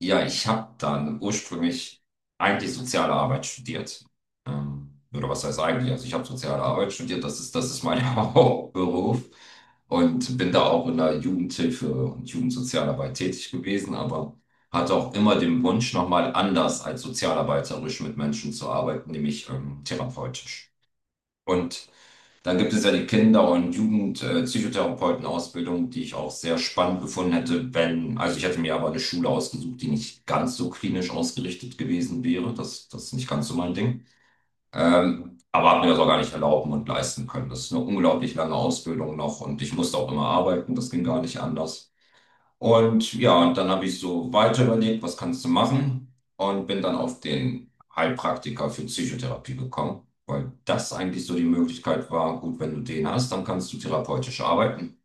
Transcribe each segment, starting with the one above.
Ja, ich habe dann ursprünglich eigentlich soziale Arbeit studiert. Oder was heißt eigentlich? Also ich habe soziale Arbeit studiert, das ist mein Hauptberuf und bin da auch in der Jugendhilfe und Jugendsozialarbeit tätig gewesen, aber hatte auch immer den Wunsch, nochmal anders als sozialarbeiterisch mit Menschen zu arbeiten, nämlich therapeutisch. Und dann gibt es ja die Kinder- und Jugendpsychotherapeuten-Ausbildung, die ich auch sehr spannend gefunden hätte, wenn, also ich hätte mir aber eine Schule ausgesucht, die nicht ganz so klinisch ausgerichtet gewesen wäre. Das ist nicht ganz so mein Ding. Aber habe mir das auch gar nicht erlauben und leisten können. Das ist eine unglaublich lange Ausbildung noch und ich musste auch immer arbeiten. Das ging gar nicht anders. Und ja, und dann habe ich so weiter überlegt, was kannst du machen? Und bin dann auf den Heilpraktiker für Psychotherapie gekommen, weil das eigentlich so die Möglichkeit war, gut, wenn du den hast, dann kannst du therapeutisch arbeiten.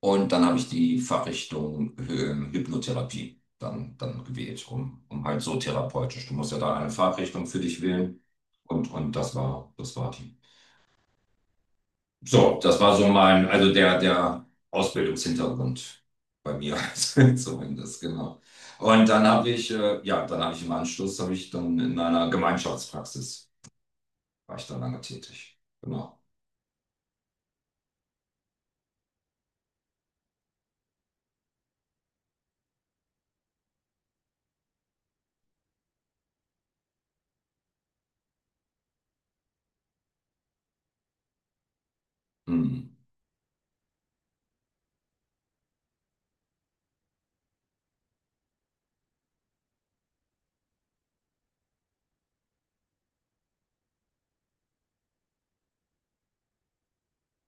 Und dann habe ich die Fachrichtung Hypnotherapie dann gewählt, um halt so therapeutisch. Du musst ja da eine Fachrichtung für dich wählen. Und das war die. So, das war so mein, also der Ausbildungshintergrund bei mir zumindest, genau. Und dann habe ich ja, dann habe ich im Anschluss, habe ich dann in einer Gemeinschaftspraxis, war ich da lange tätig. Genau. Hm.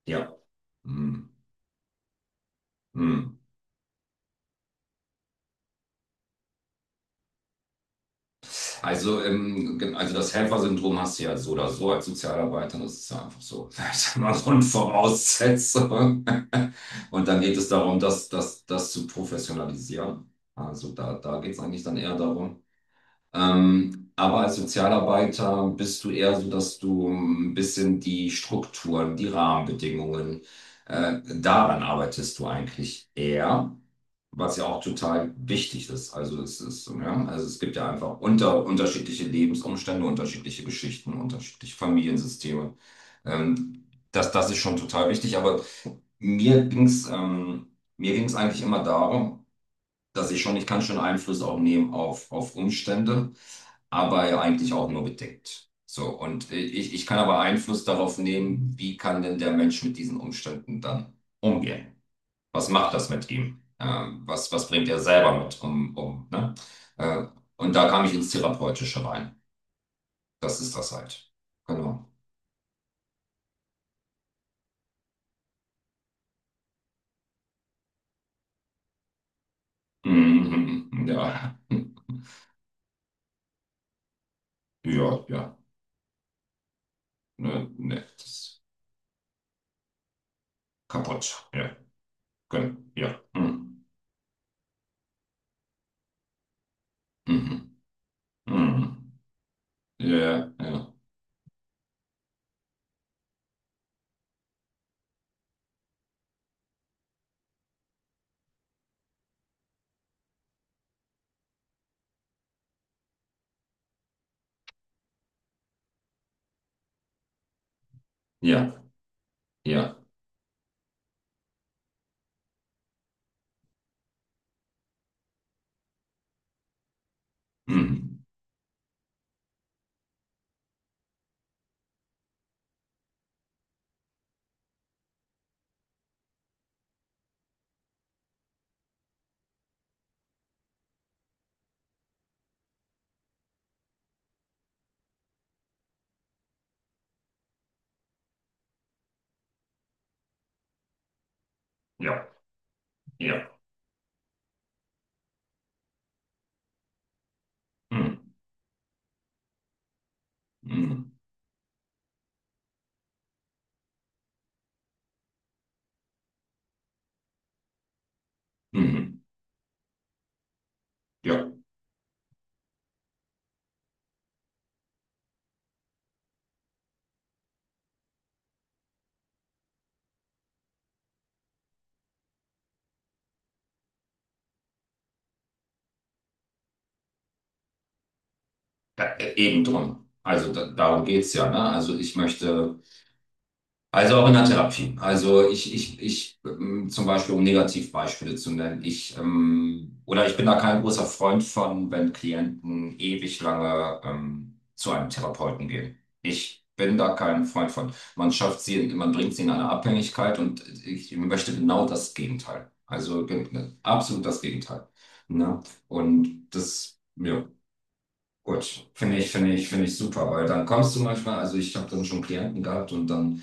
Ja. Hm. Hm. Also, also das Helfersyndrom hast du ja so oder so als Sozialarbeiter, das ist ja einfach so, ich sag mal, so eine Voraussetzung. Und dann geht es darum, das zu professionalisieren. Also da geht es eigentlich dann eher darum. Aber als Sozialarbeiter bist du eher so, dass du ein bisschen die Strukturen, die Rahmenbedingungen, daran arbeitest du eigentlich eher, was ja auch total wichtig ist. Also es ist, ja, also es gibt ja einfach unterschiedliche Lebensumstände, unterschiedliche Geschichten, unterschiedliche Familiensysteme. Ähm, das ist schon total wichtig, aber mir ging's, ähm, mir ging's eigentlich immer darum, dass ich schon, ich kann schon Einfluss auch nehmen auf Umstände, aber ja eigentlich auch nur bedingt. So, und ich kann aber Einfluss darauf nehmen, wie kann denn der Mensch mit diesen Umständen dann umgehen? Was macht das mit ihm? Was, was bringt er selber mit ne? Äh, und da kam ich ins Therapeutische rein. Das ist das halt. Genau. Mhm, ja. Ja, ja. Ne, das ist kaputt. Ja, genau. Ja. Mhm. Mhm. Mhm. Ja, ja, ja, ja, ja. Mhm. Ja, ja, mhm. Mhm. Mhm. Ja, eben drum. Also darum geht's ja, ne? Also ich möchte. Also auch in der Therapie. Also zum Beispiel, um Negativbeispiele zu nennen, oder ich bin da kein großer Freund von, wenn Klienten ewig lange zu einem Therapeuten gehen. Ich bin da kein Freund von. Man schafft man bringt sie in eine Abhängigkeit und ich möchte genau das Gegenteil. Also absolut das Gegenteil. Ne? Und das, ja. Gut, finde ich super, weil dann kommst du manchmal, also ich habe dann schon Klienten gehabt und dann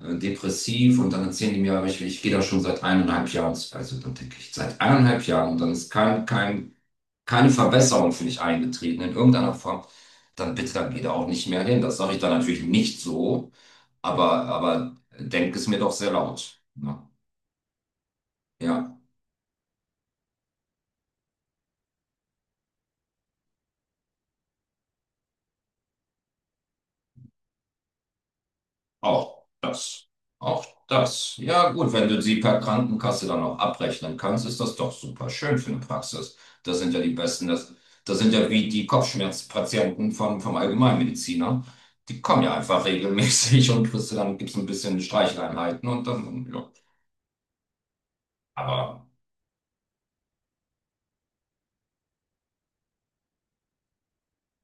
depressiv und dann erzählen die mir, aber ich gehe da schon seit eineinhalb Jahren, also dann denke ich, seit eineinhalb Jahren und dann ist keine Verbesserung für mich eingetreten in irgendeiner Form, dann bitte, dann geh da auch nicht mehr hin. Das sage ich dann natürlich nicht so, aber denk es mir doch sehr laut. Ne? Ja. Auch das. Auch das. Ja, gut, wenn du sie per Krankenkasse dann auch abrechnen kannst, ist das doch super schön für eine Praxis. Das sind ja die besten. Das sind ja wie die Kopfschmerzpatienten vom Allgemeinmediziner. Die kommen ja einfach regelmäßig und kriegst du dann gibt's ein bisschen Streicheleinheiten und dann, ja. Aber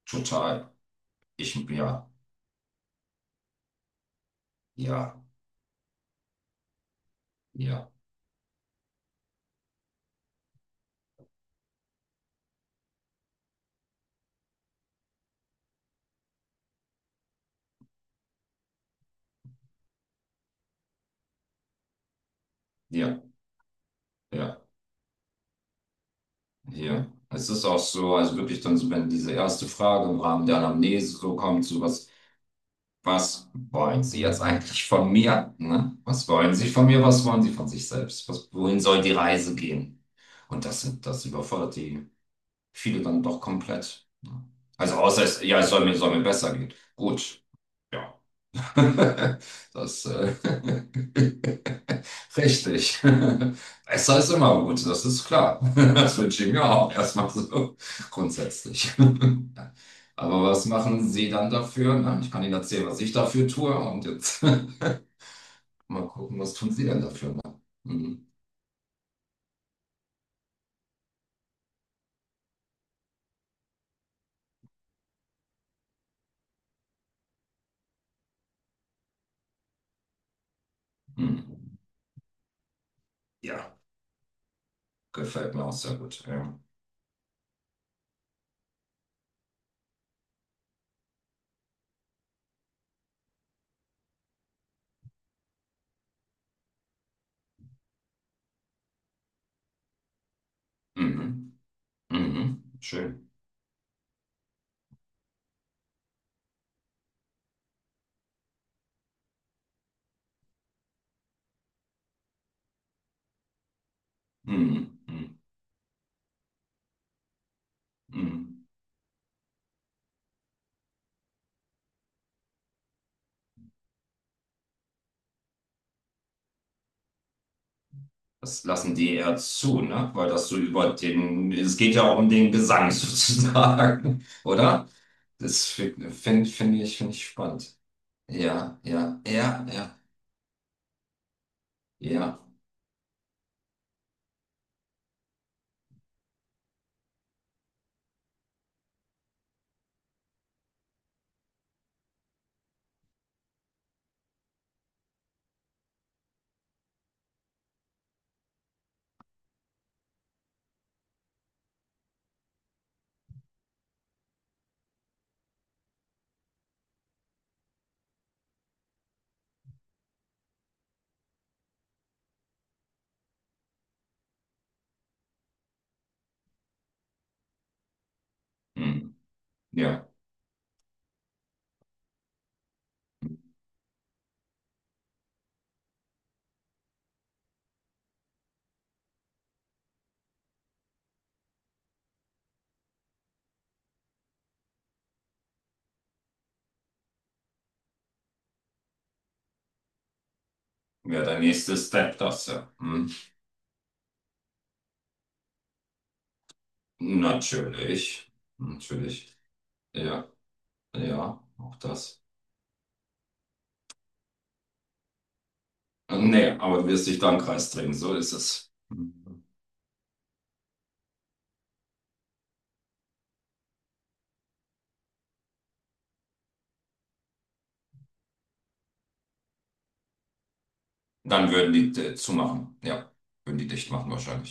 total. Ich, ja, ja, ja, ja, ja, ja. Es ist auch so, also wirklich dann so, wenn diese erste Frage im Rahmen der Anamnese so kommt, so was. Was wollen Sie jetzt eigentlich von mir? Ne? Was wollen Sie von mir? Was wollen Sie von sich selbst? Was, wohin soll die Reise gehen? Und das überfordert die viele dann doch komplett. Ne? Also außer es, ja, es soll mir besser gehen. Gut, ja. Das, äh, richtig. Besser ist immer gut, das ist klar. Das wünsche ich mir auch erstmal so grundsätzlich. Ja. Aber was machen Sie dann dafür? Na, ich kann Ihnen erzählen, was ich dafür tue und jetzt mal gucken, was tun Sie denn dafür? Ne? Mhm. Mhm. Ja, gefällt mir auch sehr gut. Ja. Mhm. Mhm. Schön. Mhm. Mhm. Mhm. Das lassen die eher zu, ne? Weil das so über den, es geht ja auch um den Gesang sozusagen, oder? Das find ich spannend. Ja, ja, ja, ja, ja. Hm. Ja, ja, der nächste Step, das ja. Hm. Natürlich, natürlich. Ja, ja, auch das. Nee, aber du wirst dich da im Kreis drehen, so ist es. Hm. Dann würden die zumachen, ja. Würden die dicht machen wahrscheinlich.